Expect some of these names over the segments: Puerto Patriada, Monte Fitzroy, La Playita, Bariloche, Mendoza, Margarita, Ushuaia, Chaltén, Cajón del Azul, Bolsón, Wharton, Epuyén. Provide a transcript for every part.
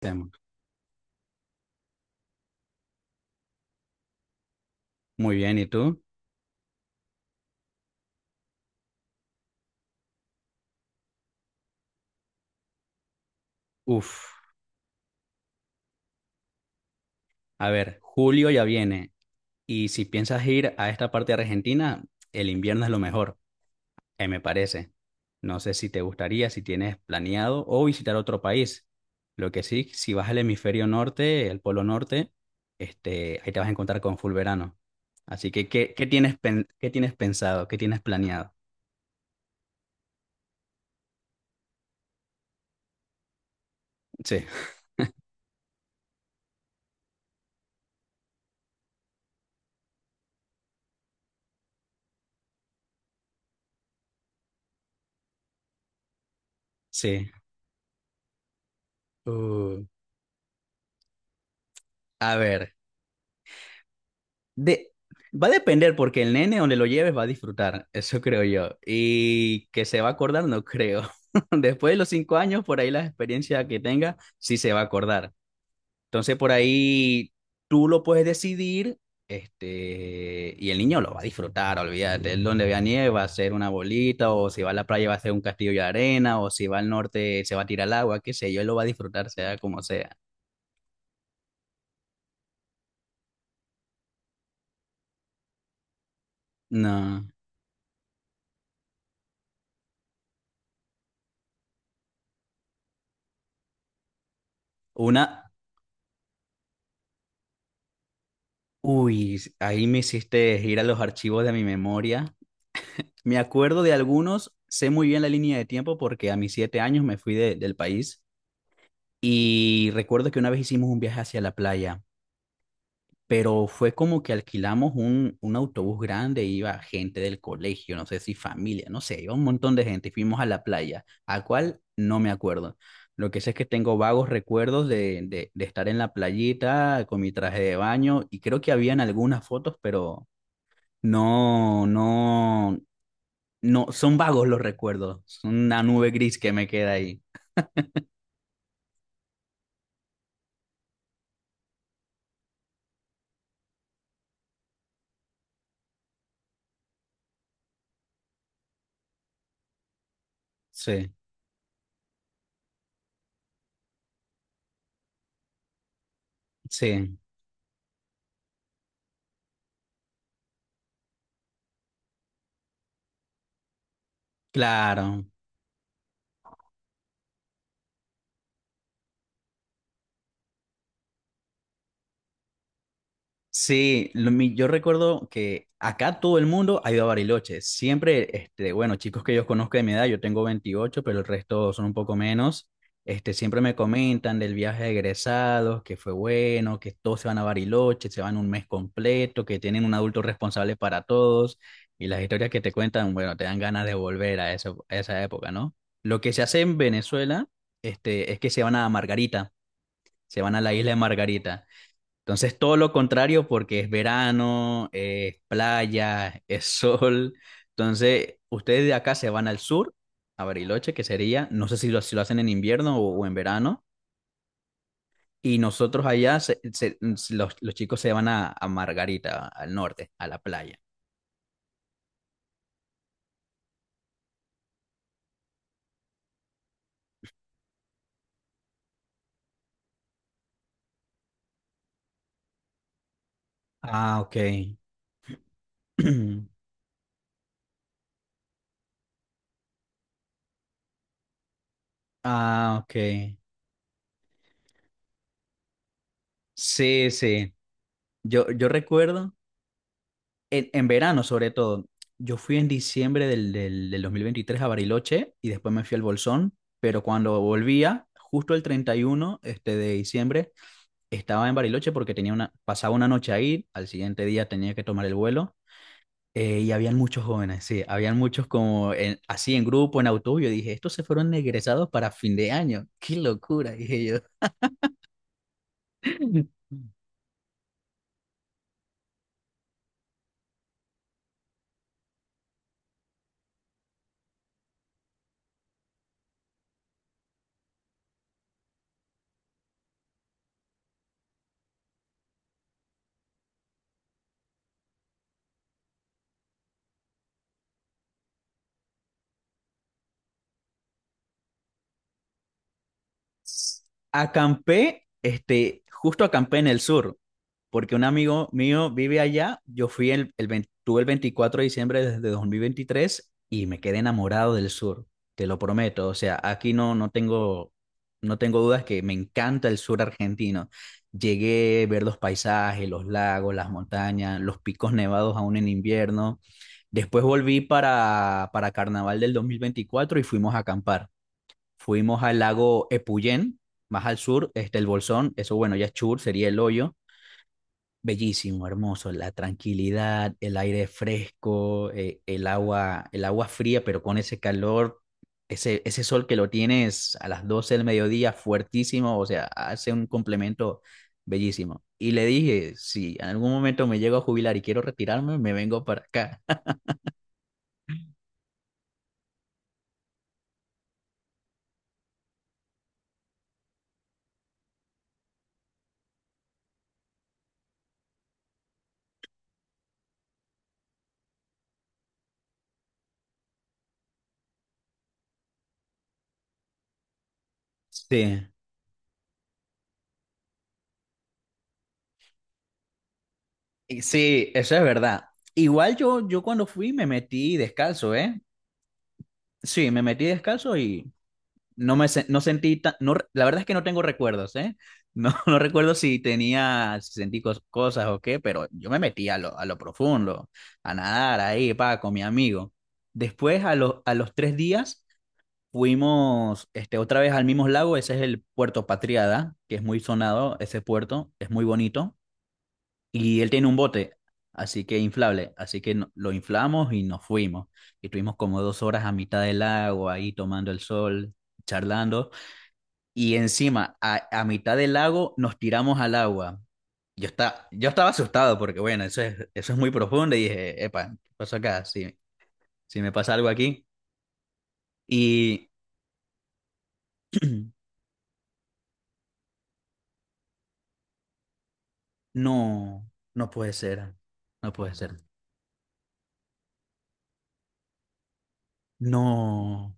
Tema. Muy bien, ¿y tú? Uf, a ver, julio ya viene y si piensas ir a esta parte de Argentina, el invierno es lo mejor, me parece. No sé si te gustaría, si tienes planeado o visitar otro país. Lo que sí, si vas al hemisferio norte, el polo norte, ahí te vas a encontrar con full verano. Así que, ¿ qué tienes pensado? ¿Qué tienes planeado? Sí, sí. Uh, a ver. De, Va a depender porque el nene donde lo lleves va a disfrutar, eso creo yo. Y que se va a acordar, no creo. Después de los cinco años, por ahí la experiencia que tenga, sí se va a acordar. Entonces, por ahí tú lo puedes decidir, y el niño lo va a disfrutar, olvídate. Él donde vea nieve va a ser una bolita, o si va a la playa va a ser un castillo de arena, o si va al norte se va a tirar al agua, qué sé yo, él lo va a disfrutar, sea como sea. No. Una, uy, ahí me hiciste ir a los archivos de mi memoria. Me acuerdo de algunos, sé muy bien la línea de tiempo porque a mis siete años me fui del país y recuerdo que una vez hicimos un viaje hacia la playa, pero fue como que alquilamos un autobús grande, iba gente del colegio, no sé si familia, no sé, iba un montón de gente y fuimos a la playa, a cual no me acuerdo. Lo que sé es que tengo vagos recuerdos de estar en la playita con mi traje de baño y creo que habían algunas fotos, pero… No, no, no, son vagos los recuerdos, son una nube gris que me queda ahí. Sí, sí, claro. Sí, yo recuerdo que acá todo el mundo ha ido a Bariloche. Siempre, bueno, chicos que yo conozco de mi edad, yo tengo 28, pero el resto son un poco menos. Siempre me comentan del viaje de egresados, que fue bueno, que todos se van a Bariloche, se van un mes completo, que tienen un adulto responsable para todos. Y las historias que te cuentan, bueno, te dan ganas de volver a a esa época, ¿no? Lo que se hace en Venezuela, es que se van a Margarita, se van a la isla de Margarita. Entonces, todo lo contrario porque es verano, es playa, es sol. Entonces, ustedes de acá se van al sur, a Bariloche, que sería, no sé si lo hacen en invierno o en verano, y nosotros allá, los chicos se van a Margarita, al norte, a la playa. Ah, ok. Ah, ok. Sí, sí. Yo recuerdo. En verano sobre todo. Yo fui en diciembre del 2023 a Bariloche y después me fui al Bolsón, pero cuando volvía, justo el 31 de diciembre, estaba en Bariloche porque tenía una, pasaba una noche ahí, al siguiente día tenía que tomar el vuelo. Y habían muchos jóvenes, sí, habían muchos como así en grupo, en autobús. Yo dije, estos se fueron egresados para fin de año, qué locura, dije yo. Acampé, justo acampé en el sur, porque un amigo mío vive allá. Yo fui el, el 20 tuve el 24 de diciembre desde 2023 y me quedé enamorado del sur, te lo prometo. O sea, aquí no tengo, no tengo dudas que me encanta el sur argentino. Llegué a ver los paisajes, los lagos, las montañas, los picos nevados aún en invierno. Después volví para Carnaval del 2024 y fuimos a acampar. Fuimos al lago Epuyén, más al sur, el Bolsón, eso bueno, ya es Chur, sería el hoyo. Bellísimo, hermoso, la tranquilidad, el aire fresco, el agua fría, pero con ese calor, ese sol que lo tienes a las doce del mediodía, fuertísimo, o sea, hace un complemento bellísimo. Y le dije, si en algún momento me llego a jubilar y quiero retirarme, me vengo para acá. Sí, y sí, eso es verdad. Igual yo cuando fui me metí descalzo, ¿eh? Sí, me metí descalzo y no me se- no sentí ta- no, re- la verdad es que no tengo recuerdos, ¿eh? No, no recuerdo si tenía, si sentí cos- cosas o qué, pero yo me metí a lo profundo, a nadar ahí, pa, con mi amigo. Después, a los tres días, fuimos otra vez al mismo lago, ese es el Puerto Patriada, que es muy sonado, ese puerto, es muy bonito. Y él tiene un bote, así que inflable, así que no- lo inflamos y nos fuimos. Y estuvimos como dos horas a mitad del lago, ahí tomando el sol, charlando. Y encima, a mitad del lago, nos tiramos al agua. Yo estaba asustado porque, bueno, eso es muy profundo. Y dije, epa, ¿qué pasó acá? Si, si me pasa algo aquí. Y no, no puede ser, no puede ser. No.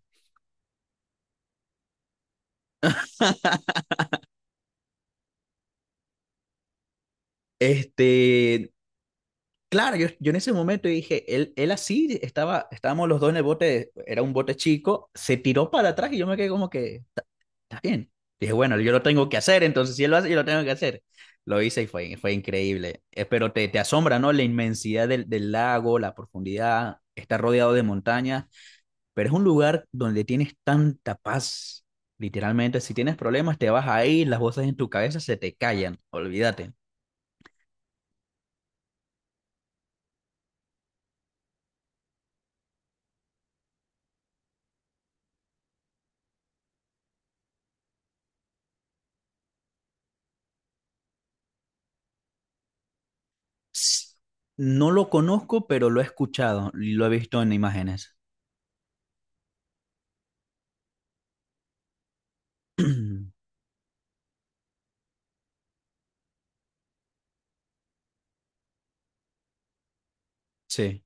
Este, Claro, yo en ese momento dije, estábamos los dos en el bote, era un bote chico, se tiró para atrás y yo me quedé como que, está bien. Dije, bueno, yo lo tengo que hacer, entonces si él lo hace, yo lo tengo que hacer. Lo hice y fue, fue increíble. Pero te asombra, ¿no? La inmensidad del lago, la profundidad, está rodeado de montañas, pero es un lugar donde tienes tanta paz. Literalmente, si tienes problemas, te vas ahí, las voces en tu cabeza se te callan, olvídate. S- No lo conozco, pero lo he escuchado y lo he visto en imágenes. Sí,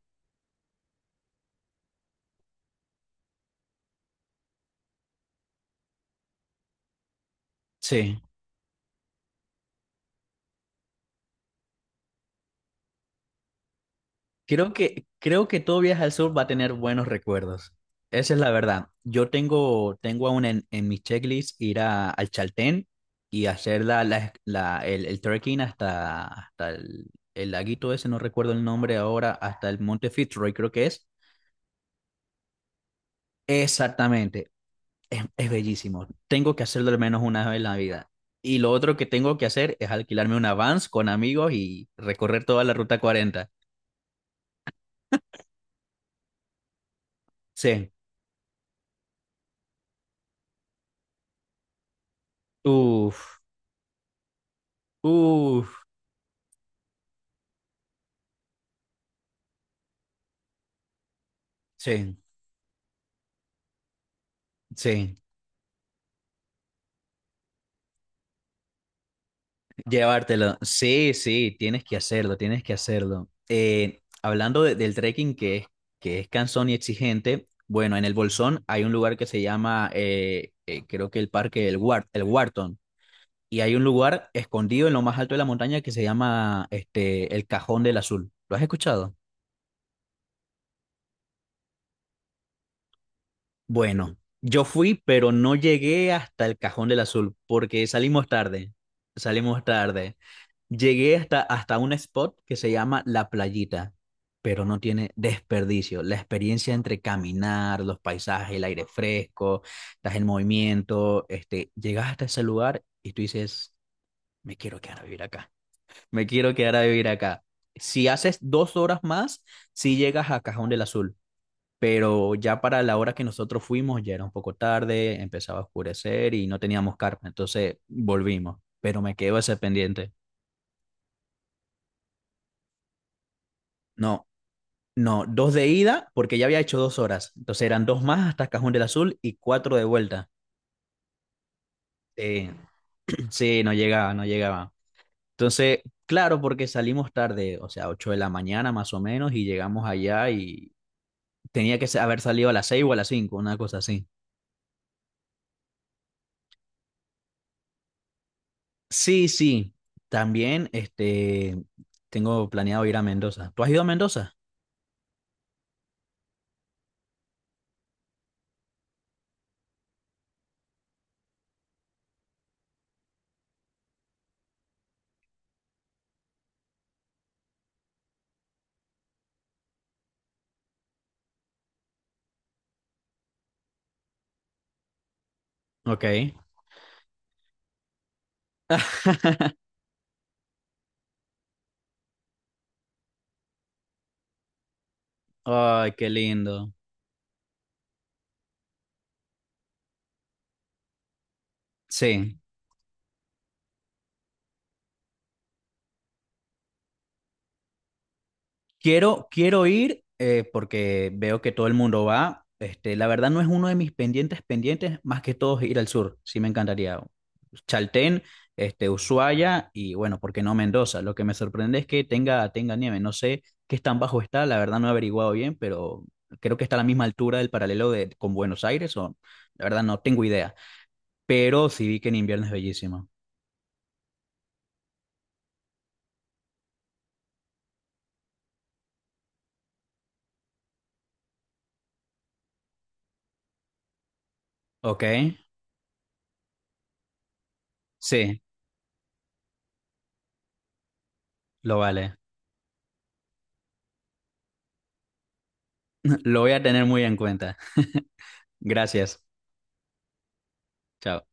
sí. Creo que todo viaje al sur va a tener buenos recuerdos. Esa es la verdad. Tengo aún en mi checklist ir al Chaltén y hacer el trekking hasta el laguito ese, no recuerdo el nombre ahora, hasta el Monte Fitzroy, creo que es. Exactamente, es bellísimo. Tengo que hacerlo al menos una vez en la vida. Y lo otro que tengo que hacer es alquilarme una Vans con amigos y recorrer toda la ruta 40. Sí. Uf, uf. Sí, sí. Llevártelo. Sí, sí, tienes que hacerlo, tienes que hacerlo. Hablando del trekking que es cansón y exigente, bueno, en el Bolsón hay un lugar que se llama, creo que el parque, el Wharton. Y hay un lugar escondido en lo más alto de la montaña que se llama el Cajón del Azul. ¿Lo has escuchado? Bueno, yo fui, pero no llegué hasta el Cajón del Azul porque salimos tarde. Salimos tarde. Llegué hasta un spot que se llama La Playita, pero no tiene desperdicio. La experiencia entre caminar, los paisajes, el aire fresco, estás en movimiento, llegas hasta ese lugar y tú dices, me quiero quedar a vivir acá. Me quiero quedar a vivir acá. Si haces dos horas más, sí llegas a Cajón del Azul, pero ya para la hora que nosotros fuimos ya era un poco tarde, empezaba a oscurecer y no teníamos carpa, entonces volvimos, pero me quedo ese pendiente. No, no, dos de ida porque ya había hecho dos horas, entonces eran dos más hasta Cajón del Azul y cuatro de vuelta. Eh, sí, no llegaba, no llegaba. Entonces, claro, porque salimos tarde, o sea, 8 de la mañana más o menos, y llegamos allá y tenía que haber salido a las 6 o a las cinco una cosa así. Sí, sí. También, tengo planeado ir a Mendoza. ¿Tú has ido a Mendoza? Ok. Ay, qué lindo. Sí. Quiero ir porque veo que todo el mundo va. La verdad no es uno de mis pendientes pendientes, más que todos ir al sur. Sí me encantaría. Chaltén, Ushuaia y bueno, ¿por qué no Mendoza? Lo que me sorprende es que tenga nieve. No sé qué tan bajo está, la verdad no he averiguado bien, pero creo que está a la misma altura del paralelo de, con Buenos Aires o la verdad no tengo idea. Pero sí vi que en invierno es bellísimo. Ok, sí, lo vale. Lo voy a tener muy en cuenta. Gracias. Chao.